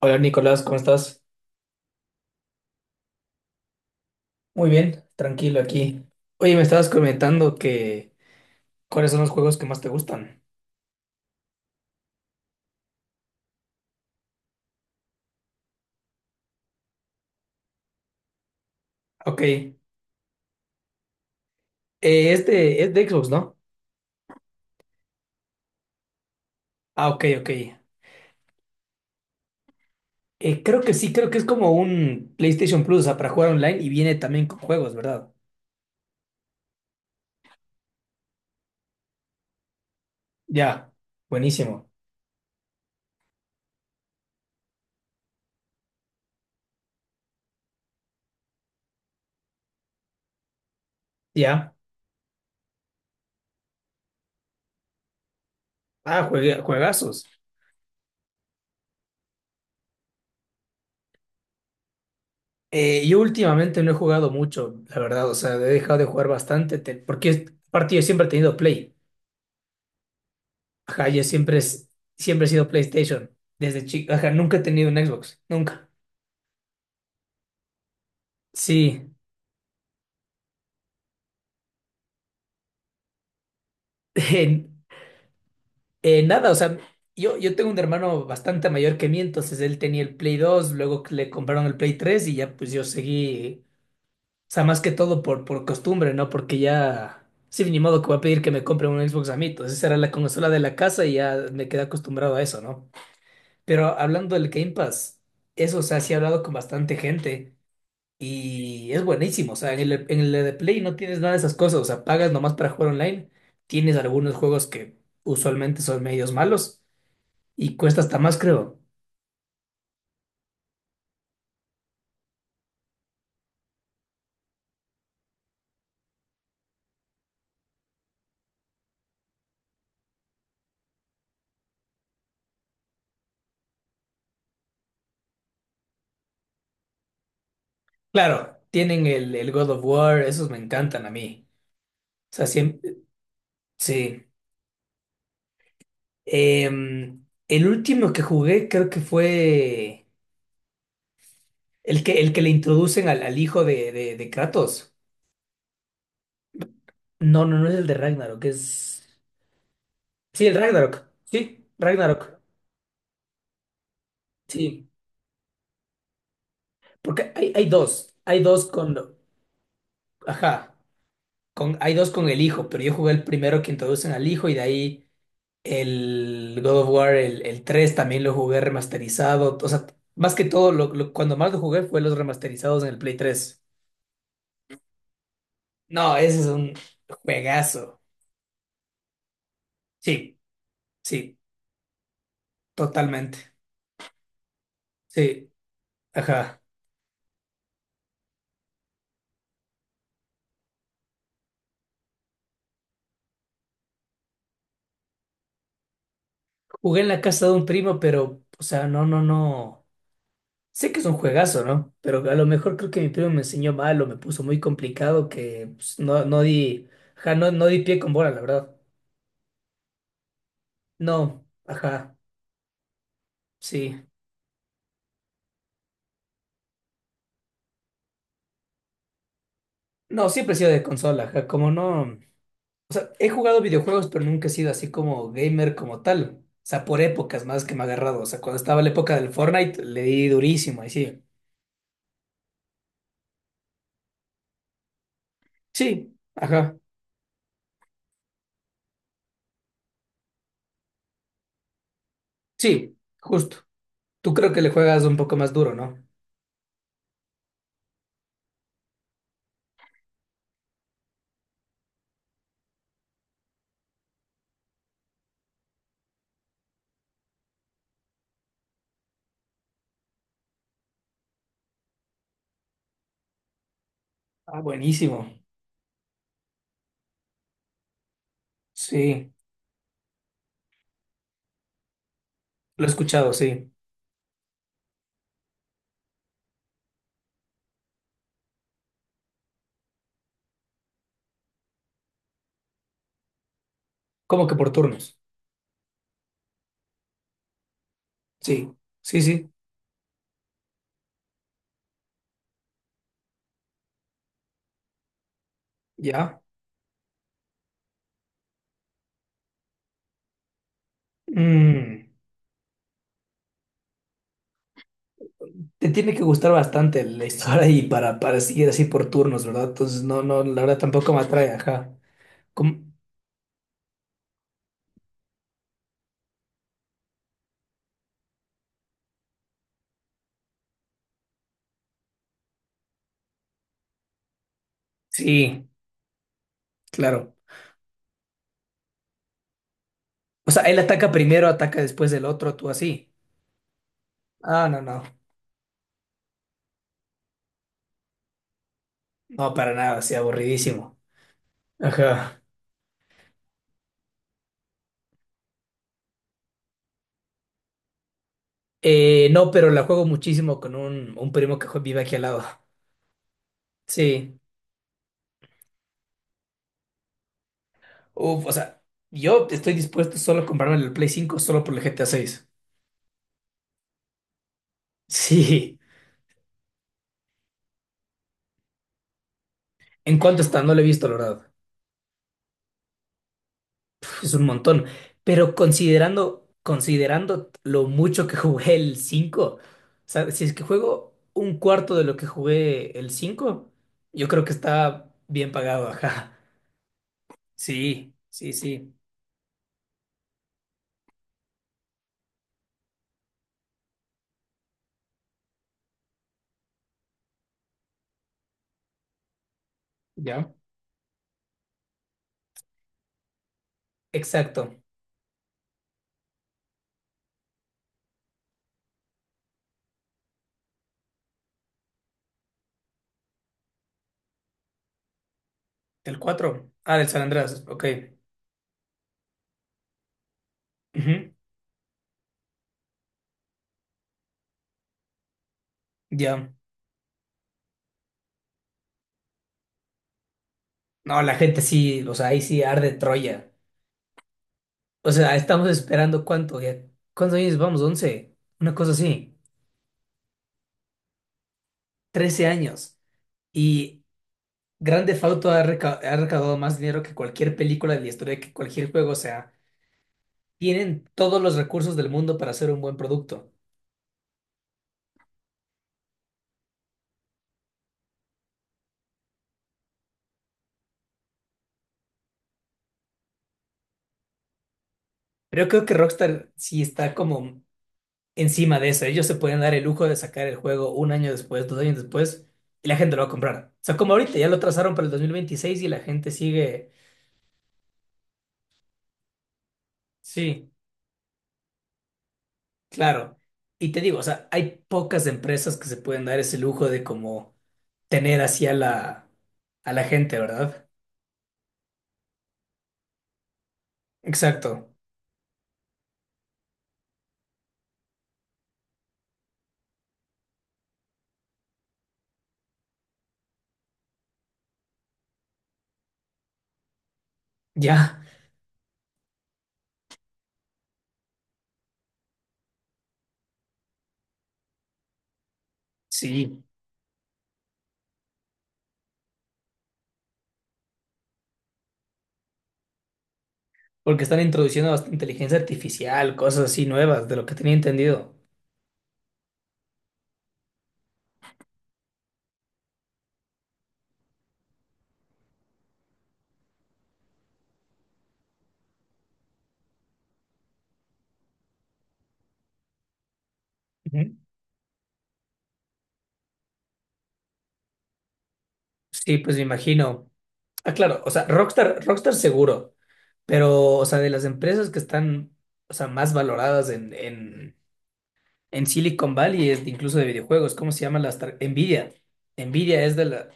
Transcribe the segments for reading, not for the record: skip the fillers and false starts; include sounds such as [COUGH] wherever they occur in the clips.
Hola Nicolás, ¿cómo estás? Muy bien, tranquilo aquí. Oye, me estabas comentando que cuáles son los juegos que más te gustan. Ok, eh, este es de Xbox, ¿no? Ah, ok, ok. Creo que sí, creo que es como un PlayStation Plus, o sea, para jugar online y viene también con juegos, ¿verdad? Ya, buenísimo. Ya. Ah, juegue- juegazos. Yo últimamente no he jugado mucho, la verdad, o sea, he dejado de jugar bastante, te- porque es- aparte yo siempre he tenido Play. Ajá, yo siempre, es- siempre he sido PlayStation, desde chico. Ajá, nunca he tenido un Xbox, nunca. Sí, [LAUGHS] eh, nada, o sea, yo tengo un hermano bastante mayor que mí, entonces él tenía el Play 2, luego que le compraron el Play 3 y ya pues yo seguí, o sea, más que todo por costumbre, ¿no? Porque ya, sí, ni modo que voy a pedir que me compren un Xbox a mí, entonces esa era la consola de la casa y ya me quedé acostumbrado a eso, ¿no? Pero hablando del Game Pass, eso, o sea, sí he hablado con bastante gente. Y es buenísimo, o sea, en el de Play no tienes nada de esas cosas, o sea, pagas nomás para jugar online, tienes algunos juegos que usualmente son medios malos y cuesta hasta más, creo. Claro, tienen el God of War, esos me encantan a mí. O sea, siempre, sí. El último que jugué creo que fue el que le introducen al hijo de Kratos. No, no, no es el de Ragnarok, es... Sí, el Ragnarok, sí, Ragnarok. Sí. Porque hay dos, hay dos con, ajá, con, hay dos con el hijo, pero yo jugué el primero que introducen al hijo y de ahí el God of War, el 3 también lo jugué remasterizado, o sea, más que todo, cuando más lo jugué fue los remasterizados en el Play tres. No, ese es un juegazo. Sí, sí, totalmente. Sí, ajá. Jugué en la casa de un primo, pero, o sea, no, no, no. Sé que es un juegazo, ¿no? Pero a lo mejor creo que mi primo me enseñó mal o me puso muy complicado que pues, no, no di, ajá, no, no di pie con bola, la verdad. No, ajá, sí. No, siempre he sido de consola, ajá, como no. O sea, he jugado videojuegos, pero nunca he sido así como gamer como tal. O sea, por épocas más que me ha agarrado. O sea, cuando estaba la época del Fortnite, le di durísimo, ahí sí. Sí, ajá, sí, justo. Tú creo que le juegas un poco más duro, ¿no? Ah, buenísimo. Sí, lo he escuchado, sí. Como que por turnos? Sí, sí, sí, ya. Mm, Te tiene que gustar bastante la historia y para seguir así por turnos, ¿verdad? Entonces, no, no, la verdad tampoco me atrae, ajá. ¿Cómo? Sí, claro. O sea, él ataca primero, ataca después del otro, tú así. Ah, no, no. No, para nada, así aburridísimo. Ajá. No, pero la juego muchísimo con un primo que jue- vive aquí al lado. Sí. Uf, o sea, yo estoy dispuesto solo a comprarme el Play 5 solo por el GTA 6. [LAUGHS] Sí. ¿En cuánto está? No lo he visto, la verdad. Uf, es un montón. Pero considerando, considerando lo mucho que [LAUGHS] jugué el 5, o sea, si es que juego un cuarto de lo que jugué el 5, yo creo que está bien pagado, [LAUGHS] ajá. Sí, sí, sí. ¿Ya? Exacto. ¿Del cuatro? Ah, del San Andrés. Ok. Ujú, ya. No, la gente sí, o sea, ahí sí arde Troya. O sea, estamos esperando cuánto, ya. ¿Cuántos años vamos? Once. Una cosa así. 13 años. Y Grand Theft Auto ha, reca- ha recaudado más dinero que cualquier película de la historia, que cualquier juego. O sea, tienen todos los recursos del mundo para hacer un buen producto. Pero yo creo que Rockstar sí está como encima de eso. Ellos se pueden dar el lujo de sacar el juego un año después, dos años después, y la gente lo va a comprar. O sea, como ahorita ya lo trazaron para el 2026 y la gente sigue. Sí, claro. Y te digo, o sea, hay pocas empresas que se pueden dar ese lujo de como tener así a la gente, ¿verdad? Exacto. Ya. Sí, porque están introduciendo hasta inteligencia artificial, cosas así nuevas, de lo que tenía entendido. Ujú. Sí, pues me imagino. Ah, claro, o sea, Rockstar, Rockstar seguro, pero, o sea, de las empresas que están, o sea, más valoradas en Silicon Valley, es de- incluso de videojuegos, ¿cómo se llama? Las tar- Nvidia. Nvidia es de la...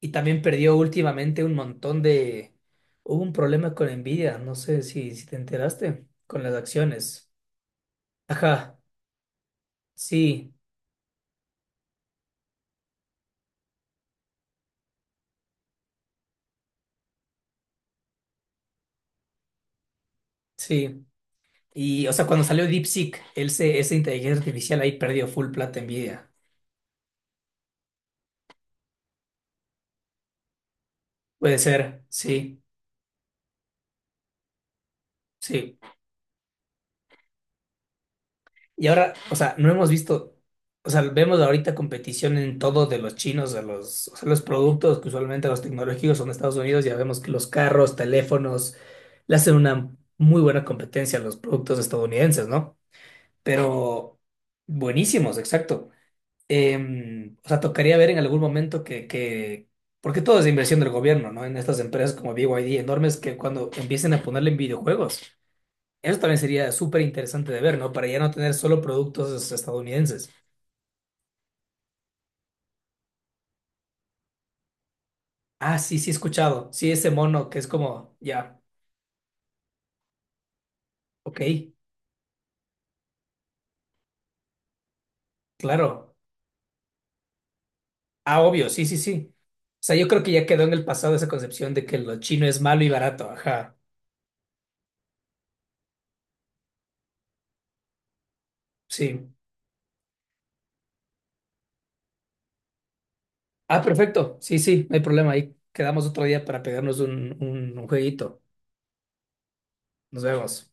Y también perdió últimamente un montón de... Hubo un problema con Nvidia, no sé si, si te enteraste, con las acciones. Ajá, sí, sí. Y, o sea, cuando salió DeepSeek, ese se- esa inteligencia artificial ahí perdió full plata envidia. Puede ser, sí, sí. Y ahora, o sea, no hemos visto, o sea, vemos ahorita competición en todo de los chinos, de los, o sea, los productos que usualmente los tecnológicos son de Estados Unidos, ya vemos que los carros, teléfonos, le hacen una muy buena competencia a los productos estadounidenses, ¿no? Pero buenísimos, exacto. O sea, tocaría ver en algún momento que, porque todo es inversión del gobierno, ¿no? En estas empresas como BYD enormes que cuando empiecen a ponerle en videojuegos, eso también sería súper interesante de ver, ¿no? Para ya no tener solo productos estadounidenses. Ah, sí, sí, he escuchado. Sí, ese mono que es como, ya, ok, claro. Ah, obvio, sí, sí, sí. O sea, yo creo que ya quedó en el pasado esa concepción de que lo chino es malo y barato, ajá, sí. Ah, perfecto, sí, sí, no hay problema, ahí quedamos otro día para pegarnos un jueguito. Nos vemos.